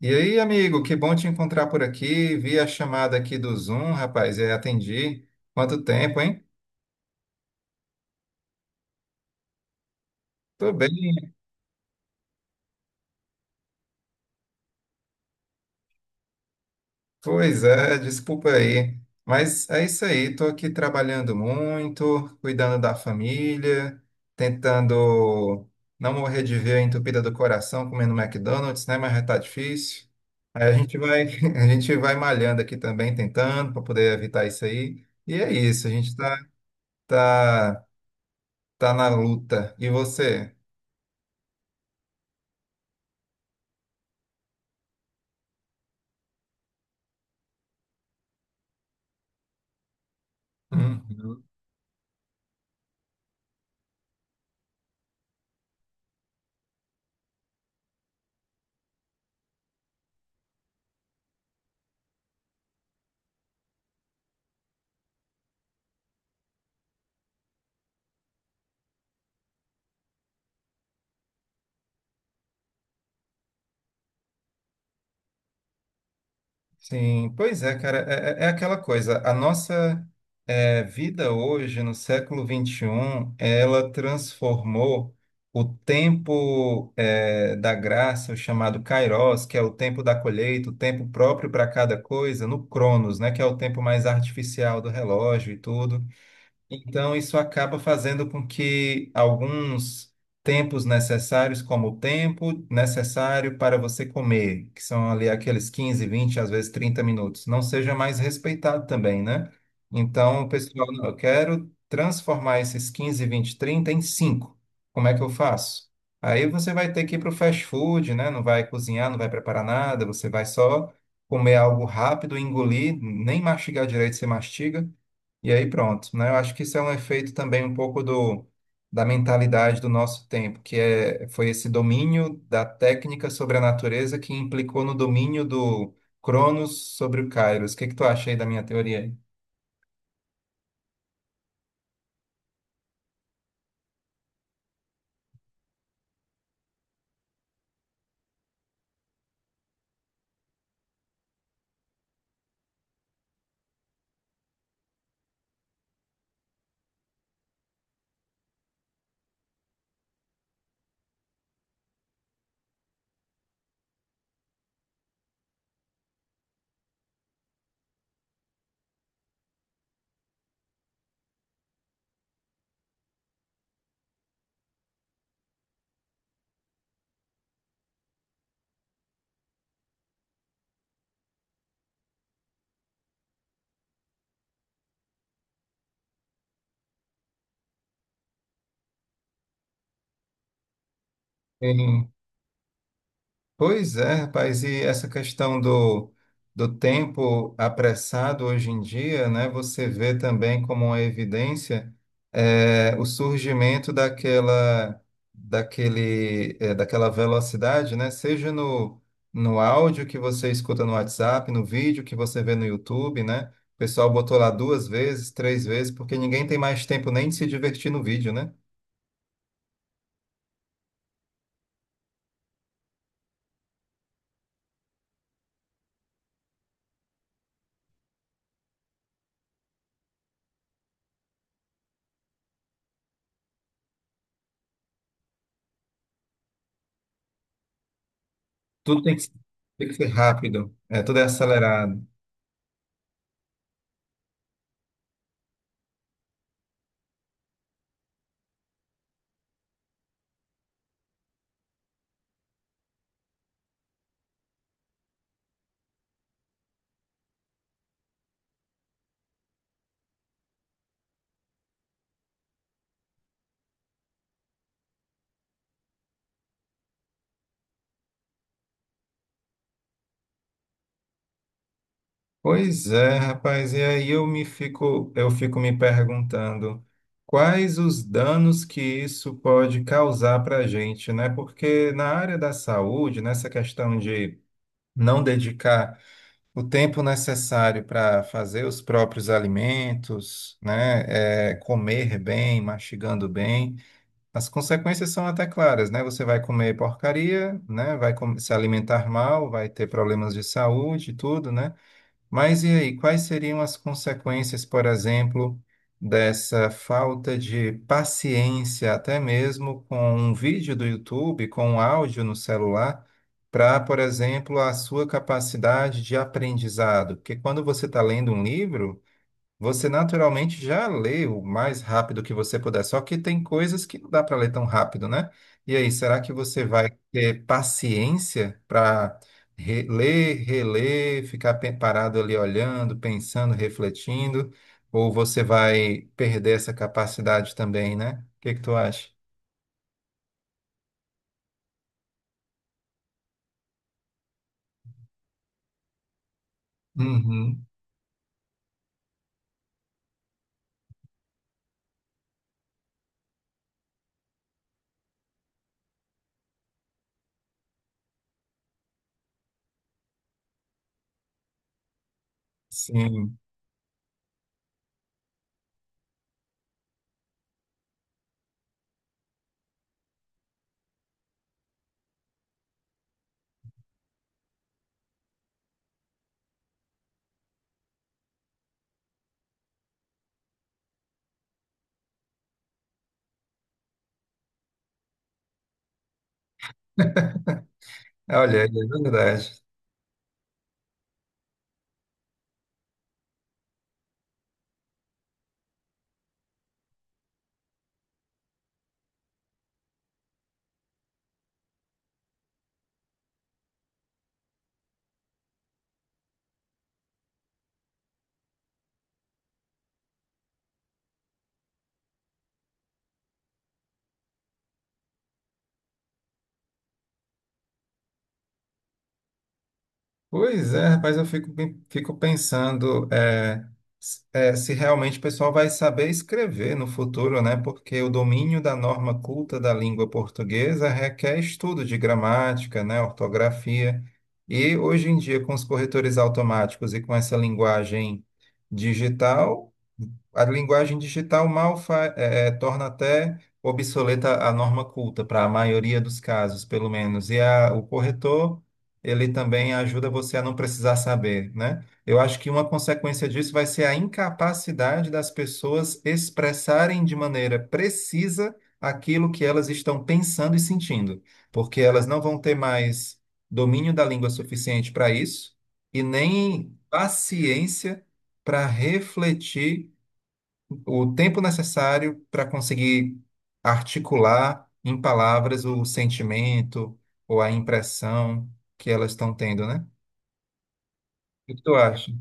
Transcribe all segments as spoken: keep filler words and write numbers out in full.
E aí, amigo, que bom te encontrar por aqui. Vi a chamada aqui do Zoom, rapaz, e atendi. Quanto tempo, hein? Tô bem. Pois é, desculpa aí. Mas é isso aí, tô aqui trabalhando muito, cuidando da família, tentando não morrer de veia entupida do coração comendo McDonald's, né? Mas já tá difícil. Aí a gente vai, a gente vai malhando aqui também, tentando para poder evitar isso aí. E é isso, a gente tá, tá, tá na luta. E você? Uhum. Sim, pois é, cara, é, é é aquela coisa. A nossa é, vida hoje, no século vinte e um ela transformou o tempo é, da graça, o chamado Kairos, que é o tempo da colheita, o tempo próprio para cada coisa, no Cronos, né, que é o tempo mais artificial do relógio e tudo. Então, isso acaba fazendo com que alguns tempos necessários, como o tempo necessário para você comer, que são ali aqueles quinze, vinte, às vezes trinta minutos, não seja mais respeitado também, né? Então, o pessoal, não, eu quero transformar esses quinze, vinte, trinta em cinco. Como é que eu faço? Aí você vai ter que ir para o fast food, né? Não vai cozinhar, não vai preparar nada, você vai só comer algo rápido, engolir, nem mastigar direito, você mastiga e aí pronto, né? Eu acho que isso é um efeito também um pouco do, da mentalidade do nosso tempo, que é, foi esse domínio da técnica sobre a natureza que implicou no domínio do Cronos sobre o Kairos. O que que tu acha aí da minha teoria? Pois é, rapaz, e essa questão do, do tempo apressado hoje em dia, né, você vê também como uma evidência eh, o surgimento daquela, daquele, eh, daquela velocidade, né, seja no, no áudio que você escuta no WhatsApp, no vídeo que você vê no YouTube, né, o pessoal botou lá duas vezes, três vezes, porque ninguém tem mais tempo nem de se divertir no vídeo, né? Tudo tem que, tem que ser rápido, é, tudo é acelerado. Pois é, rapaz, e aí eu me fico, eu fico me perguntando quais os danos que isso pode causar para a gente, né? Porque na área da saúde, nessa questão de não dedicar o tempo necessário para fazer os próprios alimentos, né? É, comer bem, mastigando bem, as consequências são até claras, né? Você vai comer porcaria, né? Vai com- se alimentar mal, vai ter problemas de saúde, e tudo, né? Mas e aí, quais seriam as consequências, por exemplo, dessa falta de paciência, até mesmo com um vídeo do YouTube, com um áudio no celular, para, por exemplo, a sua capacidade de aprendizado? Porque quando você está lendo um livro. Você naturalmente já lê o mais rápido que você puder, só que tem coisas que não dá para ler tão rápido, né? E aí, será que você vai ter paciência para ler, reler, ficar pe- parado ali olhando, pensando, refletindo? Ou você vai perder essa capacidade também, né? O que que tu acha? Uhum, sim. Olha, é verdade. Pois é, rapaz, eu fico, bem- fico pensando é, s- é, se realmente o pessoal vai saber escrever no futuro, né? Porque o domínio da norma culta da língua portuguesa requer estudo de gramática, né? Ortografia. E hoje em dia, com os corretores automáticos e com essa linguagem digital, a linguagem digital mal fa- eh, eh, torna até obsoleta a norma culta, para a maioria dos casos, pelo menos. E a- o corretor, ele também ajuda você a não precisar saber, né? Eu acho que uma consequência disso vai ser a incapacidade das pessoas expressarem de maneira precisa aquilo que elas estão pensando e sentindo, porque elas não vão ter mais domínio da língua suficiente para isso e nem paciência para refletir o tempo necessário para conseguir articular em palavras o sentimento ou a impressão que elas estão tendo, né? O que tu acha?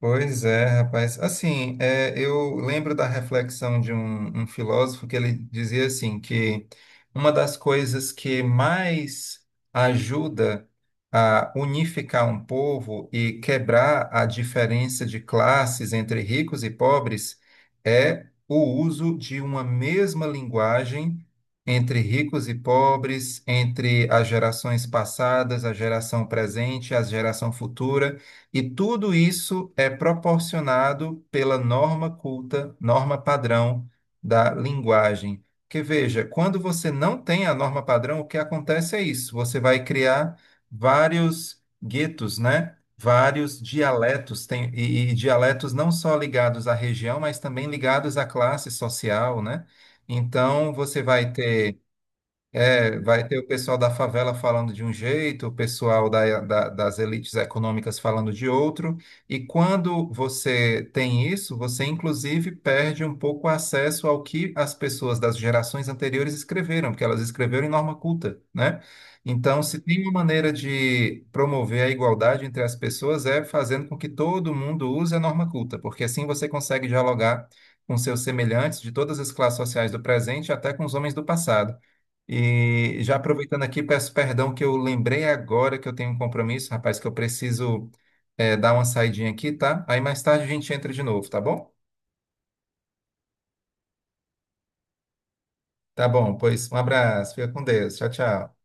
Pois é, rapaz. Assim, é, eu lembro da reflexão de um, um filósofo que ele dizia assim que uma das coisas que mais ajuda a unificar um povo e quebrar a diferença de classes entre ricos e pobres é o uso de uma mesma linguagem entre ricos e pobres, entre as gerações passadas, a geração presente, a geração futura. E tudo isso é proporcionado pela norma culta, norma padrão da linguagem. Porque veja, quando você não tem a norma padrão, o que acontece é isso: você vai criar vários guetos, né? Vários dialetos, tem, e, e dialetos não só ligados à região, mas também ligados à classe social, né? Então, você vai ter é, vai ter o pessoal da favela falando de um jeito, o pessoal da- da- das elites econômicas falando de outro, e quando você tem isso, você inclusive perde um pouco o acesso ao que as pessoas das gerações anteriores escreveram, porque elas escreveram em norma culta, né? Então, se tem uma maneira de promover a igualdade entre as pessoas é fazendo com que todo mundo use a norma culta, porque assim você consegue dialogar com seus semelhantes de todas as classes sociais do presente até com os homens do passado. E já aproveitando aqui, peço perdão que eu lembrei agora que eu tenho um compromisso, rapaz, que eu preciso eh, dar uma saidinha aqui, tá? Aí mais tarde a gente entra de novo, tá bom? Tá bom, pois um abraço, fica com Deus, tchau, tchau.